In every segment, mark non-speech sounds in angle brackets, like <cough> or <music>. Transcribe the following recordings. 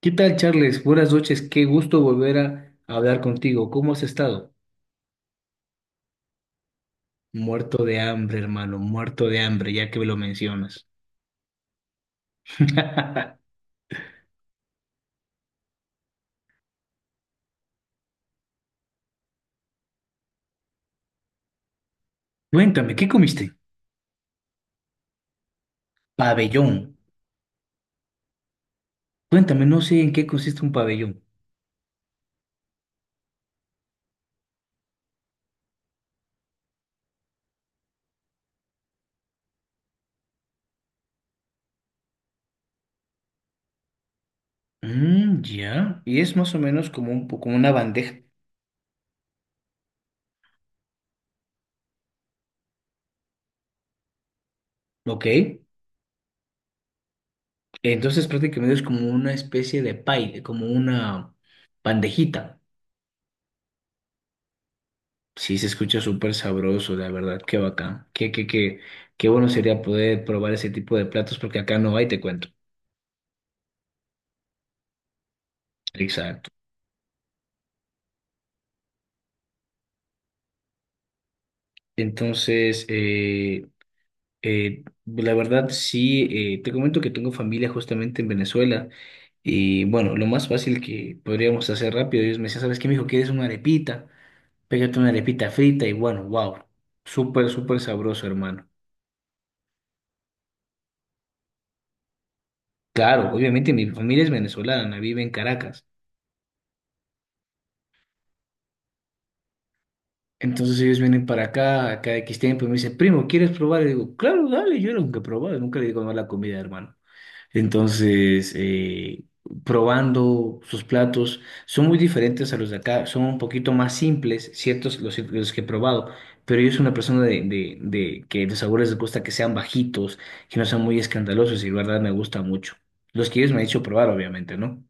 ¿Qué tal, Charles? Buenas noches, qué gusto volver a hablar contigo. ¿Cómo has estado? Muerto de hambre, hermano, muerto de hambre, ya que me lo mencionas. <laughs> Cuéntame, ¿qué comiste? Pabellón. Cuéntame, no sé en qué consiste un pabellón. Mm, ya. Y es más o menos como como una bandeja, ¿ok? Entonces prácticamente es como una especie de pie, como una bandejita. Sí, se escucha súper sabroso, la verdad, qué bacán. Qué bueno sería poder probar ese tipo de platos porque acá no hay, te cuento. Exacto. Entonces, eh, la verdad, sí, te comento que tengo familia justamente en Venezuela y bueno, lo más fácil que podríamos hacer rápido, ellos me decían, ¿sabes qué, mijo? ¿Quieres una arepita? Pégate una arepita frita y bueno, wow, súper, súper sabroso, hermano. Claro, obviamente mi familia es venezolana, vive en Caracas. Entonces ellos vienen para acá, cada X tiempo, y me dicen, primo, ¿quieres probar? Y digo, claro, dale, yo nunca he probado, nunca le digo no a la comida, hermano. Entonces, eh, probando sus platos, son muy diferentes a los de acá, son un poquito más simples, ciertos los que he probado, pero yo soy una persona de que los sabores les gusta que sean bajitos, que no sean muy escandalosos, y la verdad me gusta mucho. Los que ellos me han hecho probar, obviamente, ¿no?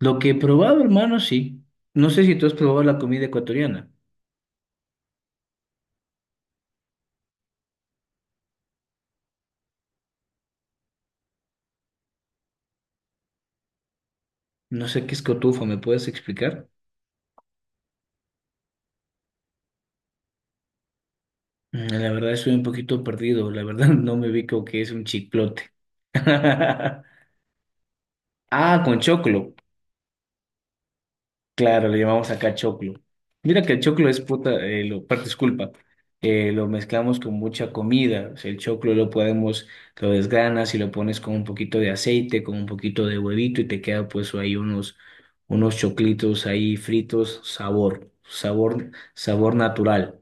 Lo que he probado, hermano, sí. No sé si tú has probado la comida ecuatoriana. No sé qué es cotufa, ¿me puedes explicar? Mm, la verdad estoy un poquito perdido, la verdad <laughs> no me ubico qué es un chiclote. <laughs> Ah, con choclo. Claro, le llamamos acá choclo. Mira que el choclo es puta, disculpa, lo mezclamos con mucha comida. O sea, el choclo lo podemos, lo desgranas y lo pones con un poquito de aceite, con un poquito de huevito y te queda pues ahí unos, unos choclitos ahí fritos, sabor, sabor, sabor natural.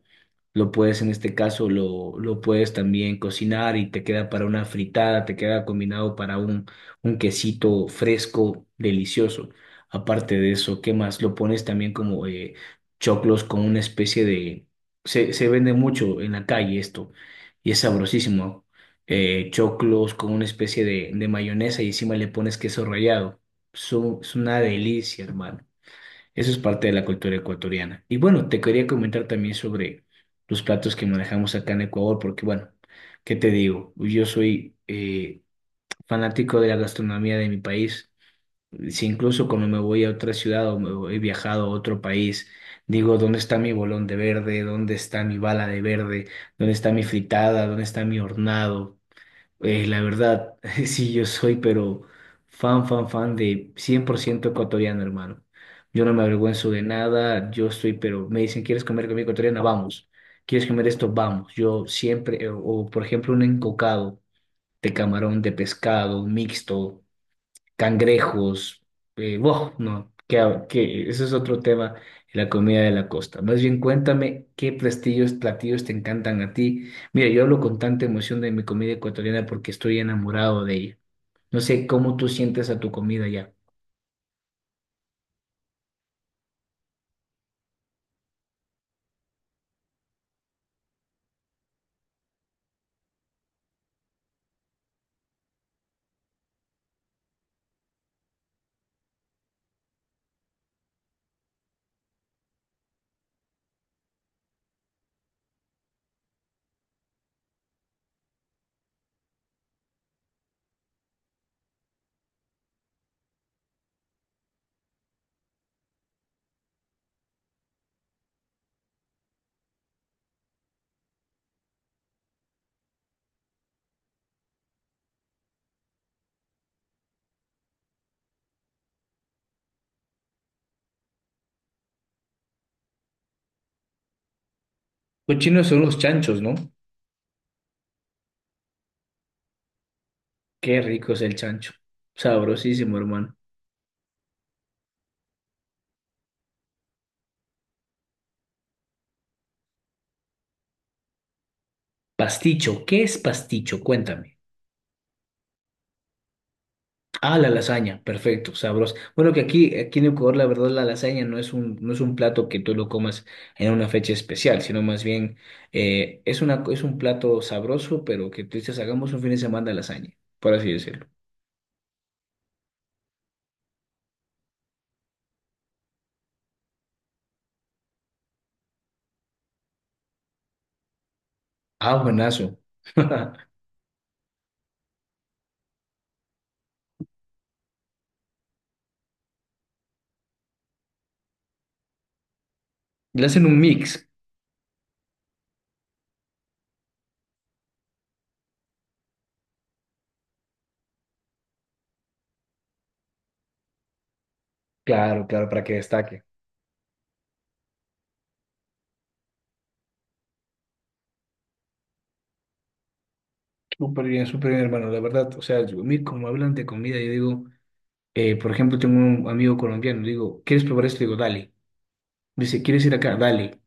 Lo puedes en este caso, lo puedes también cocinar y te queda para una fritada, te queda combinado para un quesito fresco, delicioso. Aparte de eso, ¿qué más? Lo pones también como choclos con una especie de... se vende mucho en la calle esto y es sabrosísimo. Choclos con una especie de mayonesa y encima le pones queso rallado. Es una delicia, hermano. Eso es parte de la cultura ecuatoriana. Y bueno, te quería comentar también sobre los platos que manejamos acá en Ecuador, porque bueno, ¿qué te digo? Yo soy fanático de la gastronomía de mi país. Si incluso cuando me voy a otra ciudad o he viajado a otro país, digo, ¿dónde está mi bolón de verde? ¿Dónde está mi bala de verde? ¿Dónde está mi fritada? ¿Dónde está mi hornado? La verdad, <laughs> sí, yo soy, pero fan, fan, fan de 100% ecuatoriano, hermano. Yo no me avergüenzo de nada, yo estoy, pero me dicen, ¿quieres comer comida ecuatoriana? Vamos. ¿Quieres comer esto? Vamos. Yo siempre, o por ejemplo, un encocado de camarón, de pescado, mixto cangrejos, wow, no, que ese es otro tema, la comida de la costa. Más bien cuéntame qué platillos, platillos te encantan a ti. Mira, yo hablo con tanta emoción de mi comida ecuatoriana porque estoy enamorado de ella. No sé cómo tú sientes a tu comida ya. Cochinos son los chanchos, ¿no? Qué rico es el chancho. Sabrosísimo, hermano. Pasticho, ¿qué es pasticho? Cuéntame. Ah, la lasaña, perfecto, sabroso. Bueno, que aquí, aquí en Ecuador, la verdad, la lasaña no es un plato que tú lo comas en una fecha especial, sino más bien es un plato sabroso, pero que tú dices, hagamos un fin de semana de lasaña, por así decirlo. Ah, buenazo. <laughs> Le hacen un mix. Claro, claro, para que destaque. Súper bien, hermano, la verdad. O sea, a mí como hablan de comida, yo digo, por ejemplo, tengo un amigo colombiano, digo, ¿quieres probar esto? Digo, dale. Dice, ¿quieres ir acá? Dale.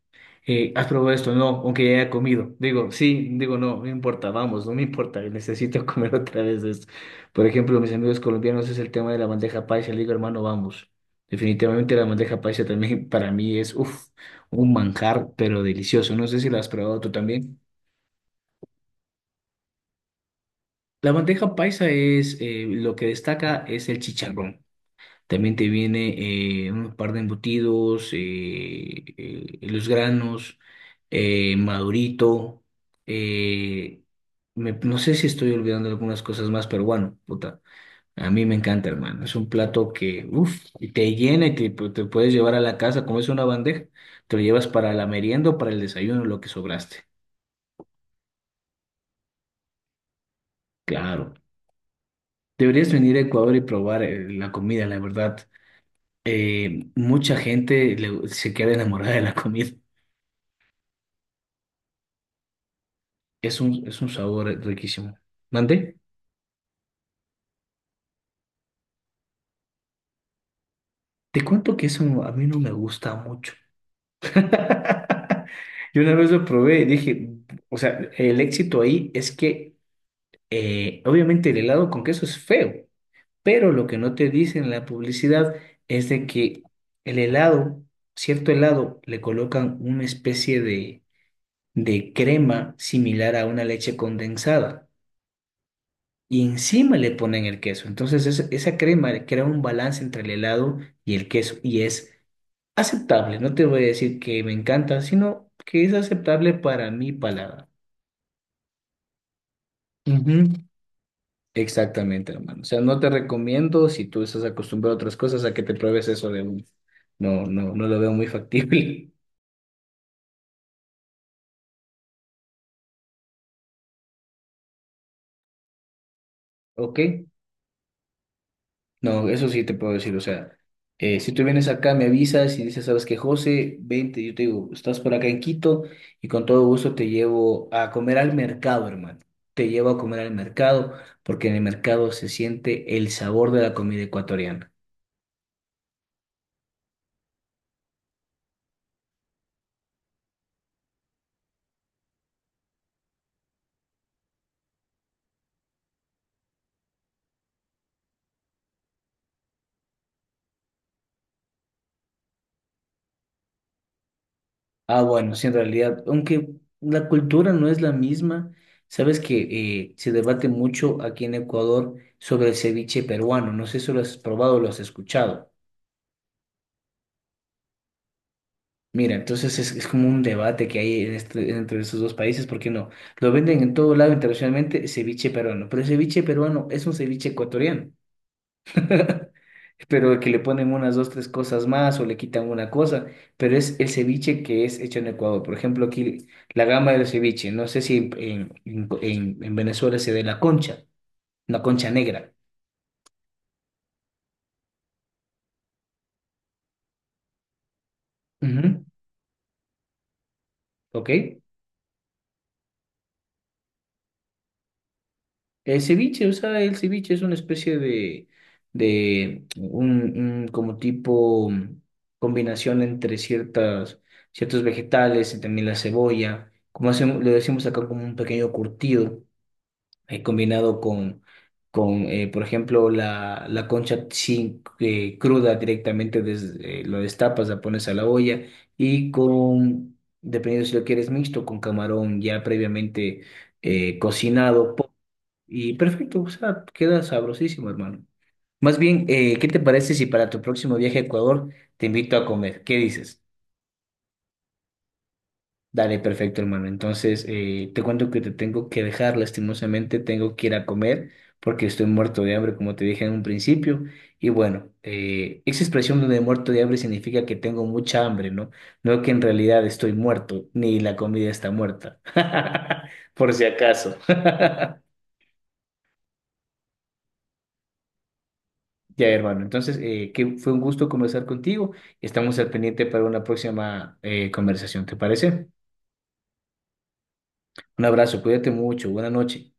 ¿Has probado esto? No, aunque ya haya comido. Digo, sí, digo, no, no me importa, vamos, no me importa, necesito <laughs> comer otra vez esto. Por ejemplo, mis amigos colombianos es el tema de la bandeja paisa. Le digo, hermano, vamos. Definitivamente la bandeja paisa también <laughs> para mí es, uff, un manjar, pero delicioso. No sé si la has probado tú también. La bandeja paisa es, lo que destaca es el chicharrón. También te viene un par de embutidos, los granos, madurito. eh, no sé si estoy olvidando algunas cosas más, pero bueno, puta, a mí me encanta, hermano. Es un plato que, uff, te llena y te, pues, te puedes llevar a la casa. Como es una bandeja, te lo llevas para la merienda o para el desayuno, lo que sobraste. Claro. Deberías venir a Ecuador y probar la comida, la verdad. Se queda enamorada de la comida. Es un sabor riquísimo. ¿Mande? Te cuento que eso no- a mí no me gusta mucho. <laughs> Yo una vez lo probé y dije, o sea, el éxito ahí es que obviamente el helado con queso es feo, pero lo que no te dice en la publicidad es de que el helado, cierto helado, le colocan una especie de crema similar a una leche condensada. Y encima le ponen el queso. Esa crema crea un balance entre el helado y el queso y es aceptable. No te voy a decir que me encanta, sino que es aceptable para mi paladar. Ujú, exactamente, hermano. O sea, no te recomiendo si tú estás acostumbrado a otras cosas a que te pruebes eso de uno. No, no, no lo veo muy factible. <laughs> ¿Ok? No, eso sí te puedo decir, o sea, si tú vienes acá, me avisas y dices, sabes que José, vente, yo te digo, estás por acá en Quito y con todo gusto te llevo a comer al mercado, hermano. Te llevo a comer al mercado porque en el mercado se siente el sabor de la comida ecuatoriana. Ah, bueno, sí, en realidad, aunque la cultura no es la misma, sabes que se debate mucho aquí en Ecuador sobre el ceviche peruano. No sé si lo has probado o lo has escuchado. Mira, entonces es como un debate que hay entre esos dos países, porque no, lo venden en todo lado internacionalmente ceviche peruano, pero el ceviche peruano es un ceviche ecuatoriano, <laughs> pero que le ponen unas dos, tres cosas más o le quitan una cosa, pero es el ceviche que es hecho en Ecuador. Por ejemplo, aquí la gama del ceviche, no sé si en Venezuela se ve la concha, una concha negra. Ujú, ¿ok? El ceviche, o sea, el ceviche es una especie de un, un como tipo mm, combinación entre ciertas, ciertos vegetales y también la cebolla, como hacemos, le decimos acá como un pequeño curtido, combinado con por ejemplo, la concha sin, cruda directamente, desde, lo destapas, la pones a la olla y con, dependiendo si lo quieres mixto, con camarón ya previamente cocinado y perfecto, o sea, queda sabrosísimo, hermano. Más bien, ¿qué te parece si para tu próximo viaje a Ecuador te invito a comer? ¿Qué dices? Dale, perfecto, hermano. Te cuento que te tengo que dejar, lastimosamente, tengo que ir a comer porque estoy muerto de hambre, como te dije en un principio. Y bueno, esa expresión de muerto de hambre significa que tengo mucha hambre, ¿no? No que en realidad estoy muerto, ni la comida está muerta, <laughs> por si acaso. <laughs> Ya, hermano. Que fue un gusto conversar contigo. Estamos al pendiente para una próxima conversación, ¿te parece? Un abrazo, cuídate mucho, buena noche.